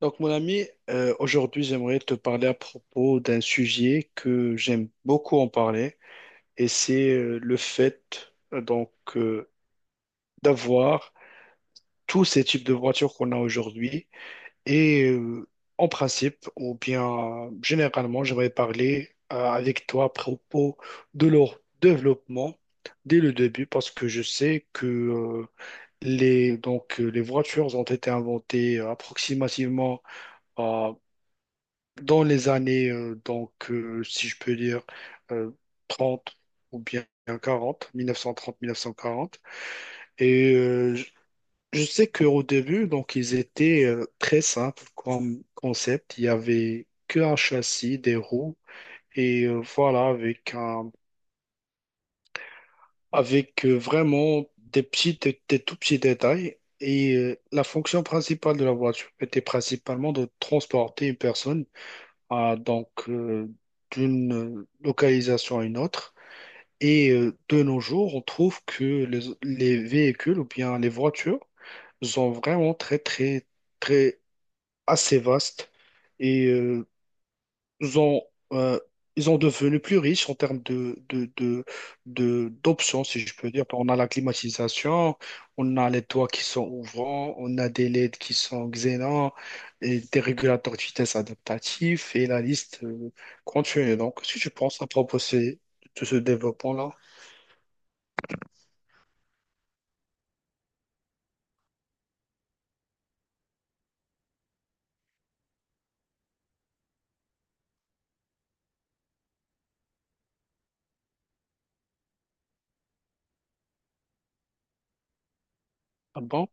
Donc, mon ami, aujourd'hui, j'aimerais te parler à propos d'un sujet que j'aime beaucoup en parler, et c'est le fait d'avoir tous ces types de voitures qu'on a aujourd'hui. Et en principe, ou bien généralement, j'aimerais parler avec toi à propos de leur développement dès le début, parce que je sais que les voitures ont été inventées approximativement dans les années, si je peux dire, euh, 30 ou bien 40, 1930-1940. Et je sais qu'au début, donc, ils étaient très simples comme concept. Il y avait que un châssis, des roues, et voilà, avec vraiment des petits, des tout petits détails. Et la fonction principale de la voiture était principalement de transporter une personne à donc d'une localisation à une autre. Et de nos jours, on trouve que les véhicules ou bien les voitures sont vraiment très, très, très assez vastes et ils ont, euh, ils ont devenu plus riches en termes d'options, si je peux dire. On a la climatisation, on a les toits qui sont ouvrants, on a des LED qui sont xénants, et des régulateurs de vitesse adaptatifs, et la liste continue. Donc, si tu penses à proposer de ce développement-là, ah bon,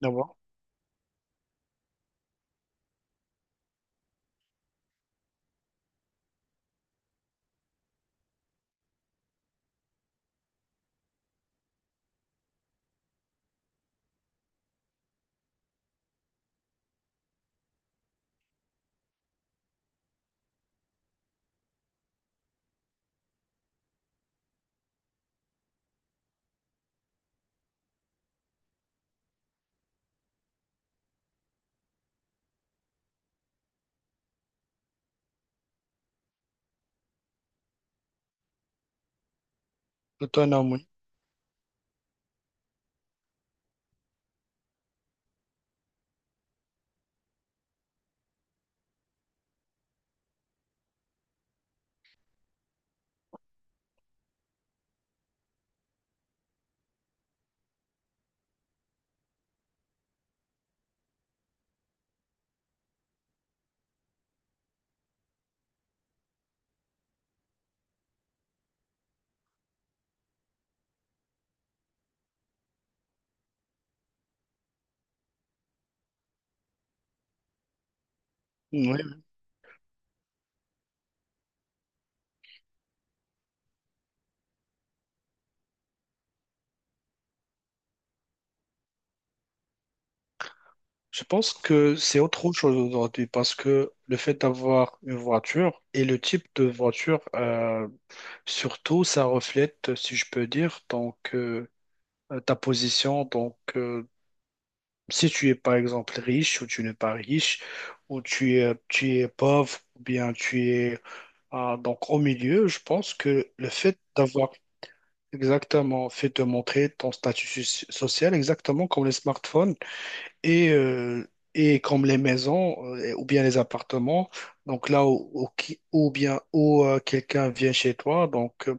d'avoir, autonome, oui. Je pense que c'est autre chose aujourd'hui parce que le fait d'avoir une voiture et le type de voiture, surtout, ça reflète, si je peux dire, ta position. Donc, si tu es par exemple riche ou tu n'es pas riche, ou tu es pauvre, ou bien tu es ah, donc au milieu, je pense que le fait d'avoir exactement fait te montrer ton statut social, exactement comme les smartphones et, euh, et comme les maisons ou bien les appartements, donc là où, où qui- ou bien où quelqu'un vient chez toi,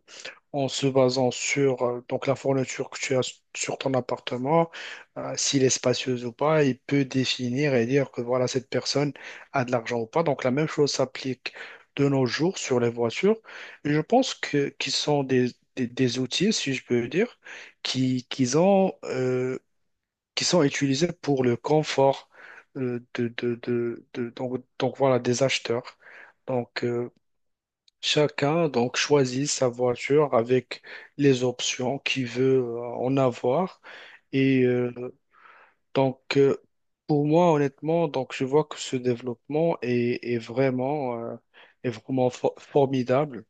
en se basant sur donc la fourniture que tu as sur ton appartement, s'il est spacieux ou pas, il peut définir et dire que voilà, cette personne a de l'argent ou pas. Donc la même chose s'applique de nos jours sur les voitures. Et je pense que qu'ils sont des outils, si je peux dire, qui, qu'ils ont. Qui sont utilisés pour le confort donc voilà, des acheteurs. Donc chacun donc choisit sa voiture avec les options qu'il veut en avoir. Et donc euh, pour moi honnêtement donc je vois que ce développement est vraiment formidable.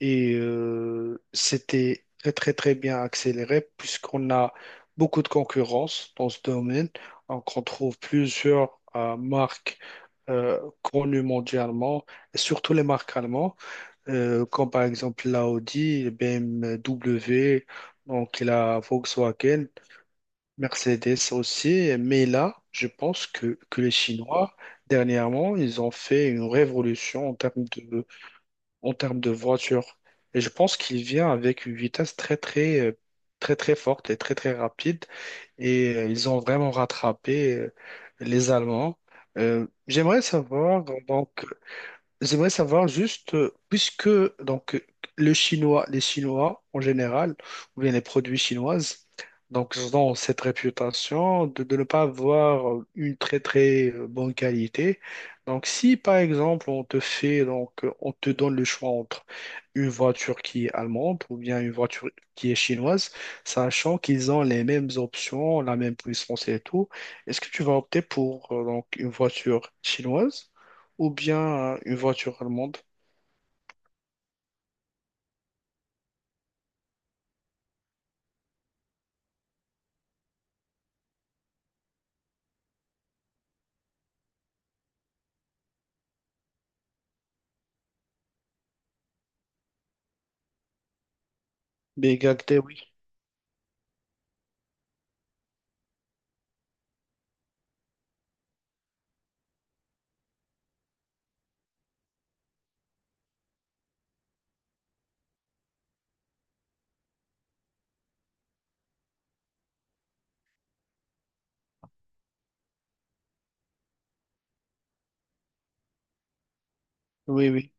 Et c'était très, très, très bien accéléré puisqu'on a beaucoup de concurrence dans ce domaine. Donc, on trouve plusieurs marques connues mondialement, et surtout les marques allemandes, comme par exemple l'Audi, BMW, donc la Volkswagen, Mercedes aussi. Mais là, je pense que les Chinois, dernièrement, ils ont fait une révolution en termes de voiture. Et je pense qu'il vient avec une vitesse très très très très forte et très très rapide. Et ils ont vraiment rattrapé les Allemands. Euh, j'aimerais savoir donc J'aimerais savoir juste, puisque donc euh, les Chinois en général, ou bien les produits chinoises, donc ils ont cette réputation de ne pas avoir une très très bonne qualité. Donc si par exemple on te donne le choix entre une voiture qui est allemande ou bien une voiture qui est chinoise, sachant qu'ils ont les mêmes options, la même puissance et tout, est-ce que tu vas opter pour donc une voiture chinoise, ou bien une voiture allemande? BMW, oui. Oui, oui.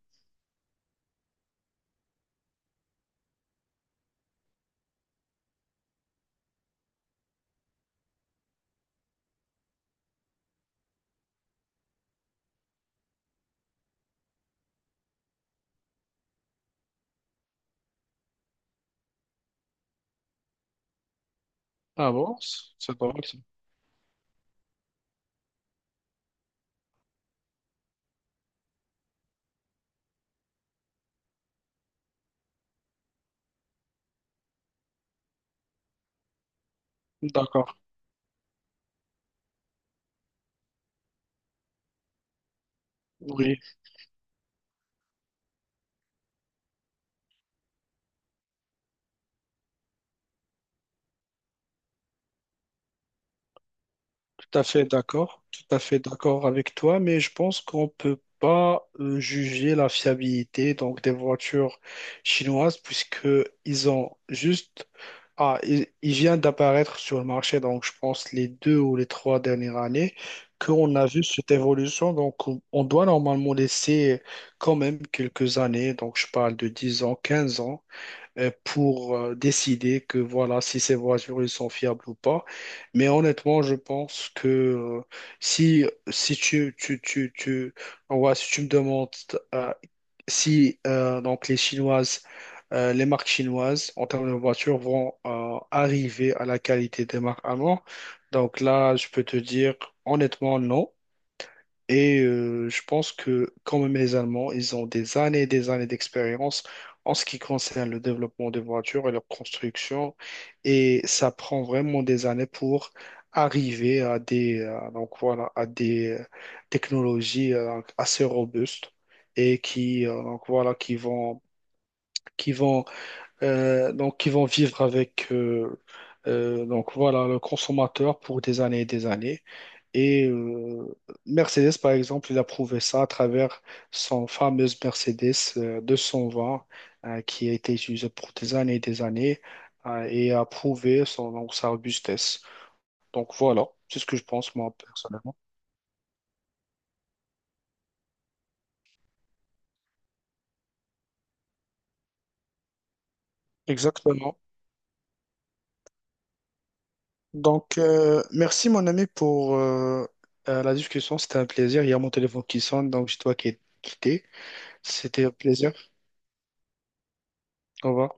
Ah bon? C'est drôle, ça. D'accord. Oui. Tout à fait d'accord, tout à fait d'accord avec toi, mais je pense qu'on peut pas juger la fiabilité donc des voitures chinoises puisque ils ont juste ah ils viennent d'apparaître sur le marché. Donc je pense les deux ou les trois dernières années qu'on a vu cette évolution. Donc on doit normalement laisser quand même quelques années, donc je parle de 10 ans, 15 ans, pour décider que voilà, si ces voitures ils sont fiables ou pas. Mais honnêtement, je pense que si, si tu, tu, tu, tu, ouais, si tu me demandes euh, si donc les Chinoises, les marques chinoises en termes de voitures vont arriver à la qualité des marques allemandes, donc là, je peux te dire honnêtement non. Et je pense que, comme les Allemands, ils ont des années et des années d'expérience en ce qui concerne le développement des voitures et leur construction. Et ça prend vraiment des années pour arriver à des technologies assez robustes et qui vont, qui vont, qui vont vivre avec le consommateur pour des années. Et Mercedes, par exemple, il a prouvé ça à travers son fameuse Mercedes 220 qui a été utilisée pour des années et des années, et a prouvé sa robustesse. Donc voilà, c'est ce que je pense moi personnellement. Exactement. Donc merci mon ami pour la discussion, c'était un plaisir. Il y a mon téléphone qui sonne, donc je dois quitter. C'était un plaisir. Au revoir.